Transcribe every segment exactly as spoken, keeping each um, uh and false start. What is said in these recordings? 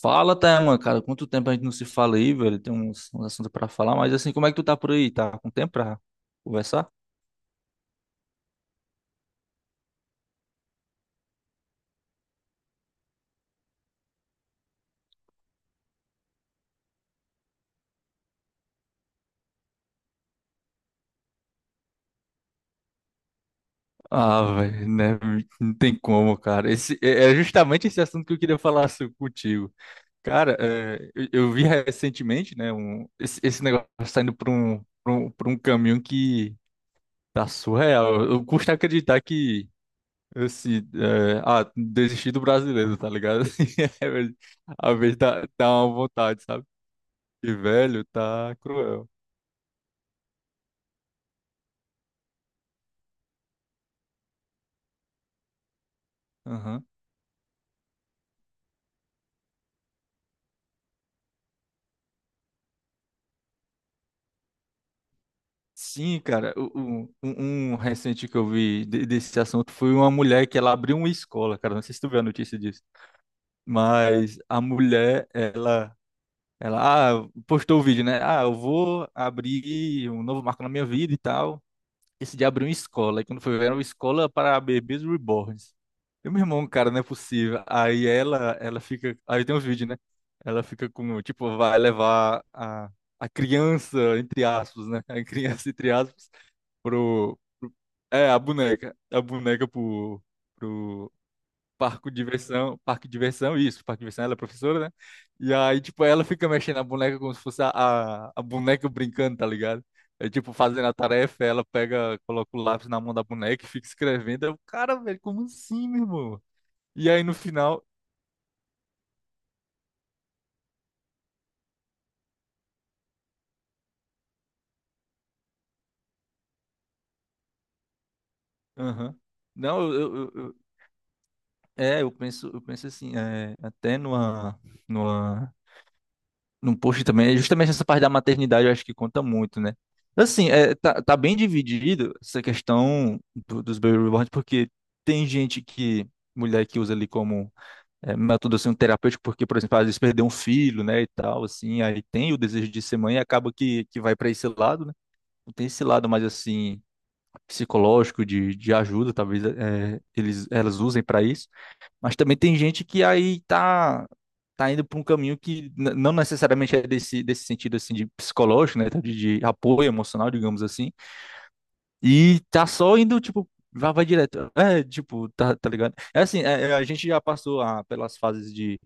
Fala, Thelma, cara. Quanto tempo a gente não se fala aí, velho? Tem uns, uns assuntos pra falar, mas assim, como é que tu tá por aí? Tá com tempo pra conversar? Ah, velho, né? Não tem como, cara. Esse, é é justamente esse assunto que eu queria falar so- contigo. Cara, é, eu, eu vi recentemente, né? Um, esse, esse negócio tá indo pra um, pra um, pra um caminho que tá surreal. Eu custa acreditar que. Assim, é, ah, desistir do brasileiro, tá ligado? Assim, é, velho, às vezes dá, dá uma vontade, sabe? Que velho, tá cruel. Aham. Sim, cara, o- o- um, um recente que eu vi de- desse assunto foi uma mulher que ela abriu uma escola, cara, não sei se tu viu a notícia disso, mas a mulher, ela, ela ah, postou o vídeo, né? Ah, eu vou abrir um novo marco na minha vida e tal. Esse dia abriu uma escola, e quando foi ver, era uma escola para bebês reborns. E meu irmão, cara, não é possível. Aí ela, ela fica, aí tem um vídeo, né? Ela fica com, tipo, vai levar a, a criança, entre aspas, né? A criança, entre aspas, pro, é, a boneca, a boneca pro, pro parque de diversão, parque de diversão, isso, parque de diversão, ela é professora, né? E aí, tipo, ela fica mexendo a boneca como se fosse a, a, a boneca brincando, tá ligado? É tipo, fazendo a tarefa, ela pega, coloca o lápis na mão da boneca e fica escrevendo. Eu, cara, velho, como assim, meu irmão? E aí no final. Aham. Não, eu, eu, eu- eu- é, eu penso, eu penso assim. é, até numa, numa no post também, é justamente essa parte da maternidade eu acho que conta muito, né? Assim, é, tá, tá bem dividido essa questão do- dos baby reborns, porque tem gente que, mulher que usa ali como é, método assim, um terapêutico, porque, por exemplo, às vezes perdeu um filho, né, e tal, assim, aí tem o desejo de ser mãe e acaba que, que vai para esse lado, né? Tem esse lado mais, assim, psicológico, de, de ajuda, talvez é, eles, elas usem para isso. Mas também tem gente que aí tá, tá indo para um caminho que n- não necessariamente é desse, desse sentido assim de psicológico, né? De, de apoio emocional, digamos assim. E tá só indo, tipo, vai, vai direto. É, tipo, tá, tá ligado? É assim, é- é, a gente já passou a- pelas fases de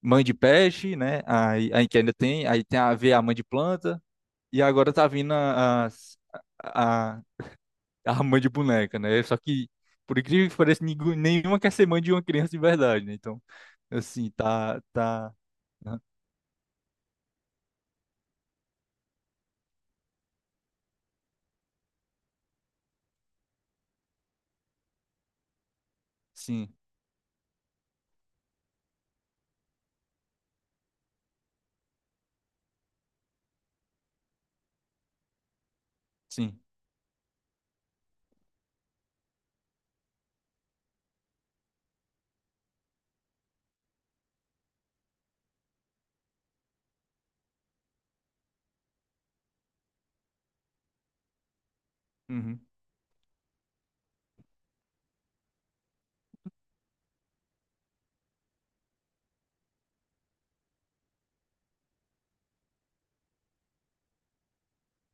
mãe de peixe, né? Aí, aí que ainda tem, aí tem a ver a mãe de planta, e agora tá vindo as. a a mãe de boneca, né? Só que, por incrível que pareça, ningu- nenhuma quer ser mãe de uma criança de verdade, né? Então, assim, tá, tá, né? Sim, sim, uhum,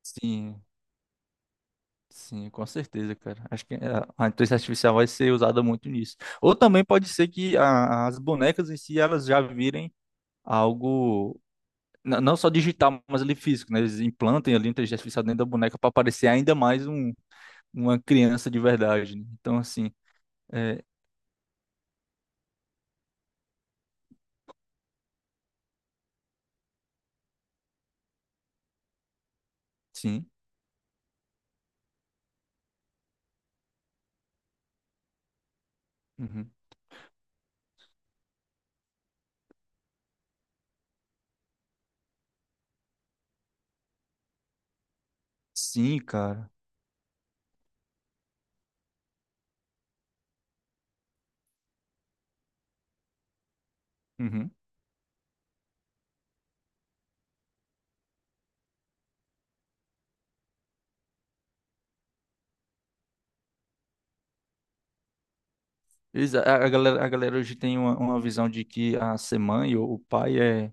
sim, sim, com certeza, cara. Acho que a a inteligência artificial vai ser usada muito nisso. Ou também pode ser que a- as bonecas em si, elas já virem algo. n- Não só digital, mas ali físico, né? Eles implantem ali a inteligência artificial dentro da boneca para parecer ainda mais um, uma criança de verdade, né? Então, assim, é, sim. Uhum. Sim, cara. Uhum. Eles- A, a galera, a galera hoje tem uma, uma visão de que a ser mãe ou o pai é.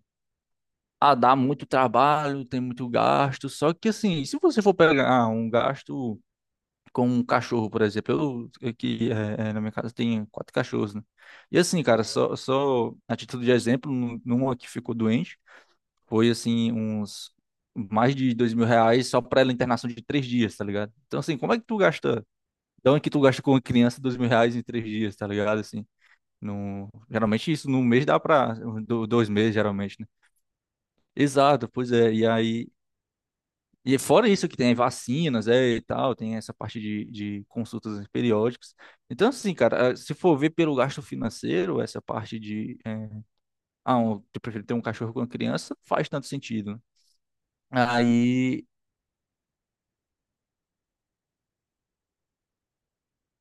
Ah, dá muito trabalho, tem muito gasto. Só que, assim, se você for pegar ah, um gasto com um cachorro, por exemplo, eu aqui é, é, na minha casa tem quatro cachorros, né? E, assim, cara, só, só a título de exemplo, num- numa que ficou doente, foi, assim, uns mais de dois mil reais só pra ela internação de três dias, tá ligado? Então, assim, como é que tu gasta. Da onde que tu gasta com uma criança dois mil reais em três dias, tá ligado? Assim, no... geralmente isso num mês dá pra. do- Dois meses, geralmente, né? Exato, pois é. E aí. E fora isso que tem vacinas, é, e tal, tem essa parte de, de consultas periódicas. Então, assim, cara, eh, se for ver pelo gasto financeiro, essa parte de, eh, ah, um, eu prefiro ter um cachorro com uma criança, faz tanto sentido, né? Aí.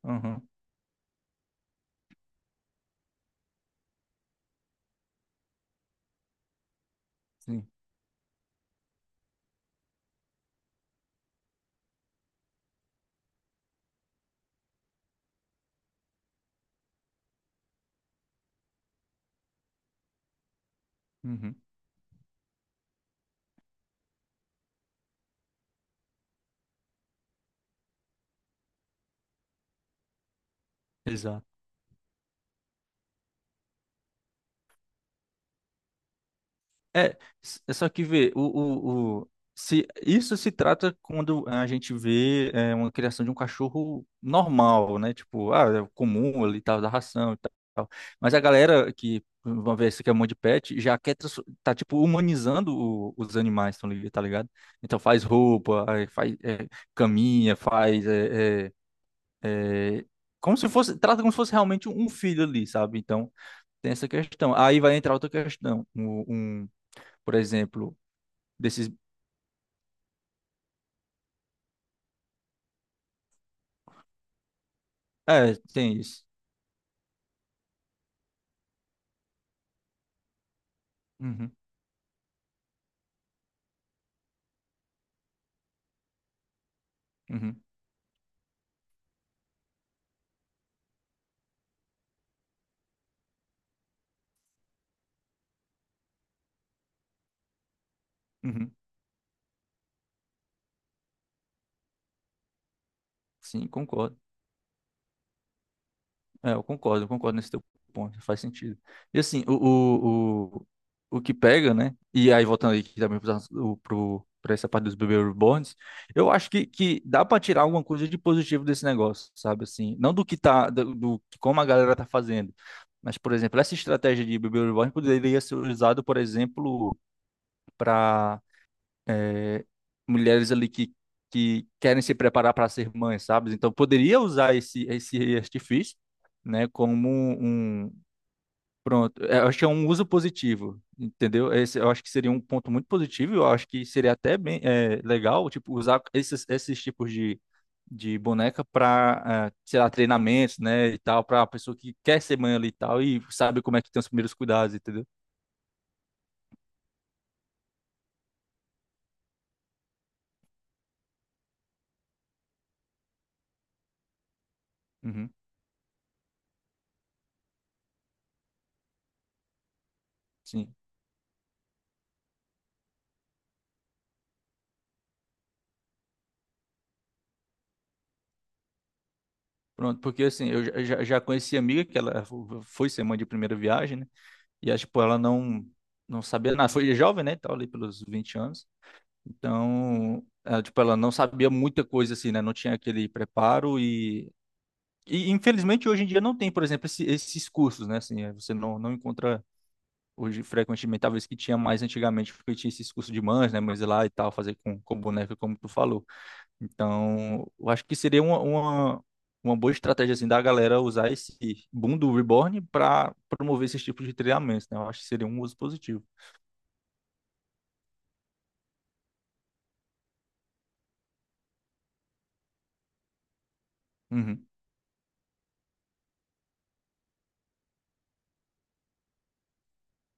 Uhum, sim. Uhum, exato. É, s- é só que vê, o, o, o- se, isso se trata quando a gente vê é, uma criação de um cachorro normal, né? Tipo, ah, é comum ali, tal, da ração e tal. Mas a galera que, vamos ver, esse que é um monte de pet, já quer, trans- tá, tipo, humanizando o- os animais, tão li- tá ligado? Então faz roupa, aí faz é, caminha, faz, é, é, é, como se fosse, trata como se fosse realmente um filho ali, sabe? Então, tem essa questão. Aí vai entrar outra questão, um, um- por exemplo, desses. É, tem isso. Uhum, uhum, uhum. Sim, concordo. É, eu concordo, eu concordo nesse teu ponto, faz sentido. E assim, o, o, o, o que pega, né? E aí, voltando aqui também para essa parte dos bebê reborns, eu acho que, que dá para tirar alguma coisa de positivo desse negócio, sabe? Assim, não do que tá, do, do que- como a galera tá fazendo, mas, por exemplo, essa estratégia de bebê reborn poderia ser usada, por exemplo, para. Mulheres ali que, que querem se preparar para ser mães, sabe? Então poderia usar esse esse artifício, né, como um. Pronto, é, eu acho que é um uso positivo, entendeu? Esse, eu acho que seria um ponto muito positivo, eu acho que seria até bem é, legal, tipo, usar esses esses tipos de de boneca para, sei lá, treinamentos, né, e tal, para a pessoa que quer ser mãe ali e tal e sabe como é que tem os primeiros cuidados, entendeu? Uhum, sim. Pronto, porque assim, eu já, já já conheci a amiga que ela fo- foi ser mãe de primeira viagem, né? E aí, tipo, ela não não sabia nada, foi jovem, né, tal, ali pelos vinte anos. Então, ela, tipo, ela não sabia muita coisa assim, né? Não tinha aquele preparo e e infelizmente hoje em dia não tem, por exemplo, esse- esses cursos, né? Assim, eh, você não não encontra hoje frequentemente, talvez que tinha mais antigamente, porque tinha esses cursos de mães, né, mães lá e tal, fazer com com boneca como tu falou. Então, eu acho que seria uma, uma, uma boa estratégia assim, da galera usar esse boom do Reborn para promover esses tipos de treinamentos, né? Eu acho que seria um uso positivo. Uhum,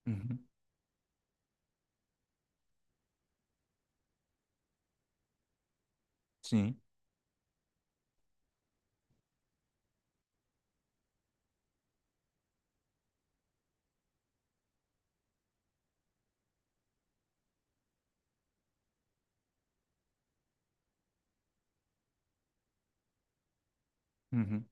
uhum, sim. Uhum,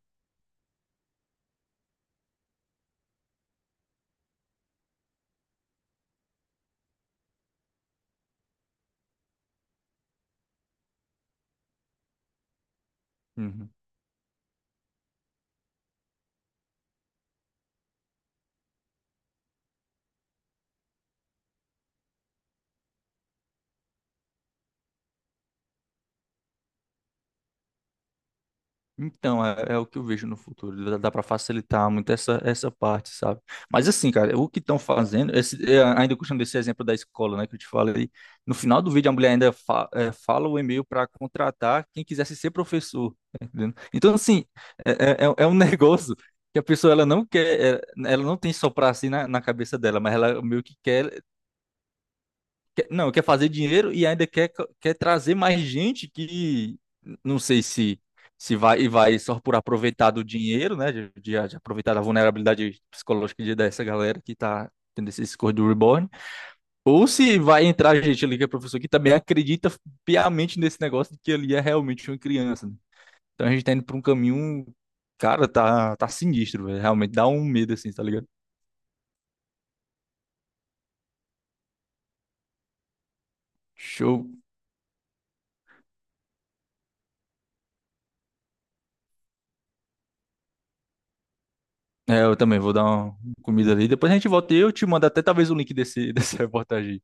uhum. Então, é, é o que eu vejo no futuro. Dá, dá para facilitar muito essa, essa parte, sabe? Mas assim, cara, o que estão fazendo, esse, é, ainda puxando esse exemplo da escola, né, que eu te falei, no final do vídeo a mulher ainda fa- é, fala o e-mail para contratar quem quisesse ser professor, tá entendendo? Então, assim, é, é, é é um negócio que a pessoa ela não quer, é, ela não tem só para si na, na cabeça dela, mas ela meio que quer quer- não, quer fazer dinheiro e ainda quer, quer trazer mais gente que não sei se se vai e vai só por aproveitar do dinheiro, né? De, de- de aproveitar da vulnerabilidade psicológica de- dessa galera que tá tendo esse discurso do Reborn. Ou se vai entrar gente ali que é professor que também acredita piamente nesse negócio de que ali é realmente uma criança, né? Então a gente tá indo pra um caminho, cara, tá, tá sinistro, velho. Realmente dá um medo assim, tá ligado? Show. É, eu também vou dar uma comida ali. Depois a gente volta e eu te mando até talvez o link desse, dessa reportagem.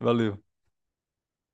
Valeu.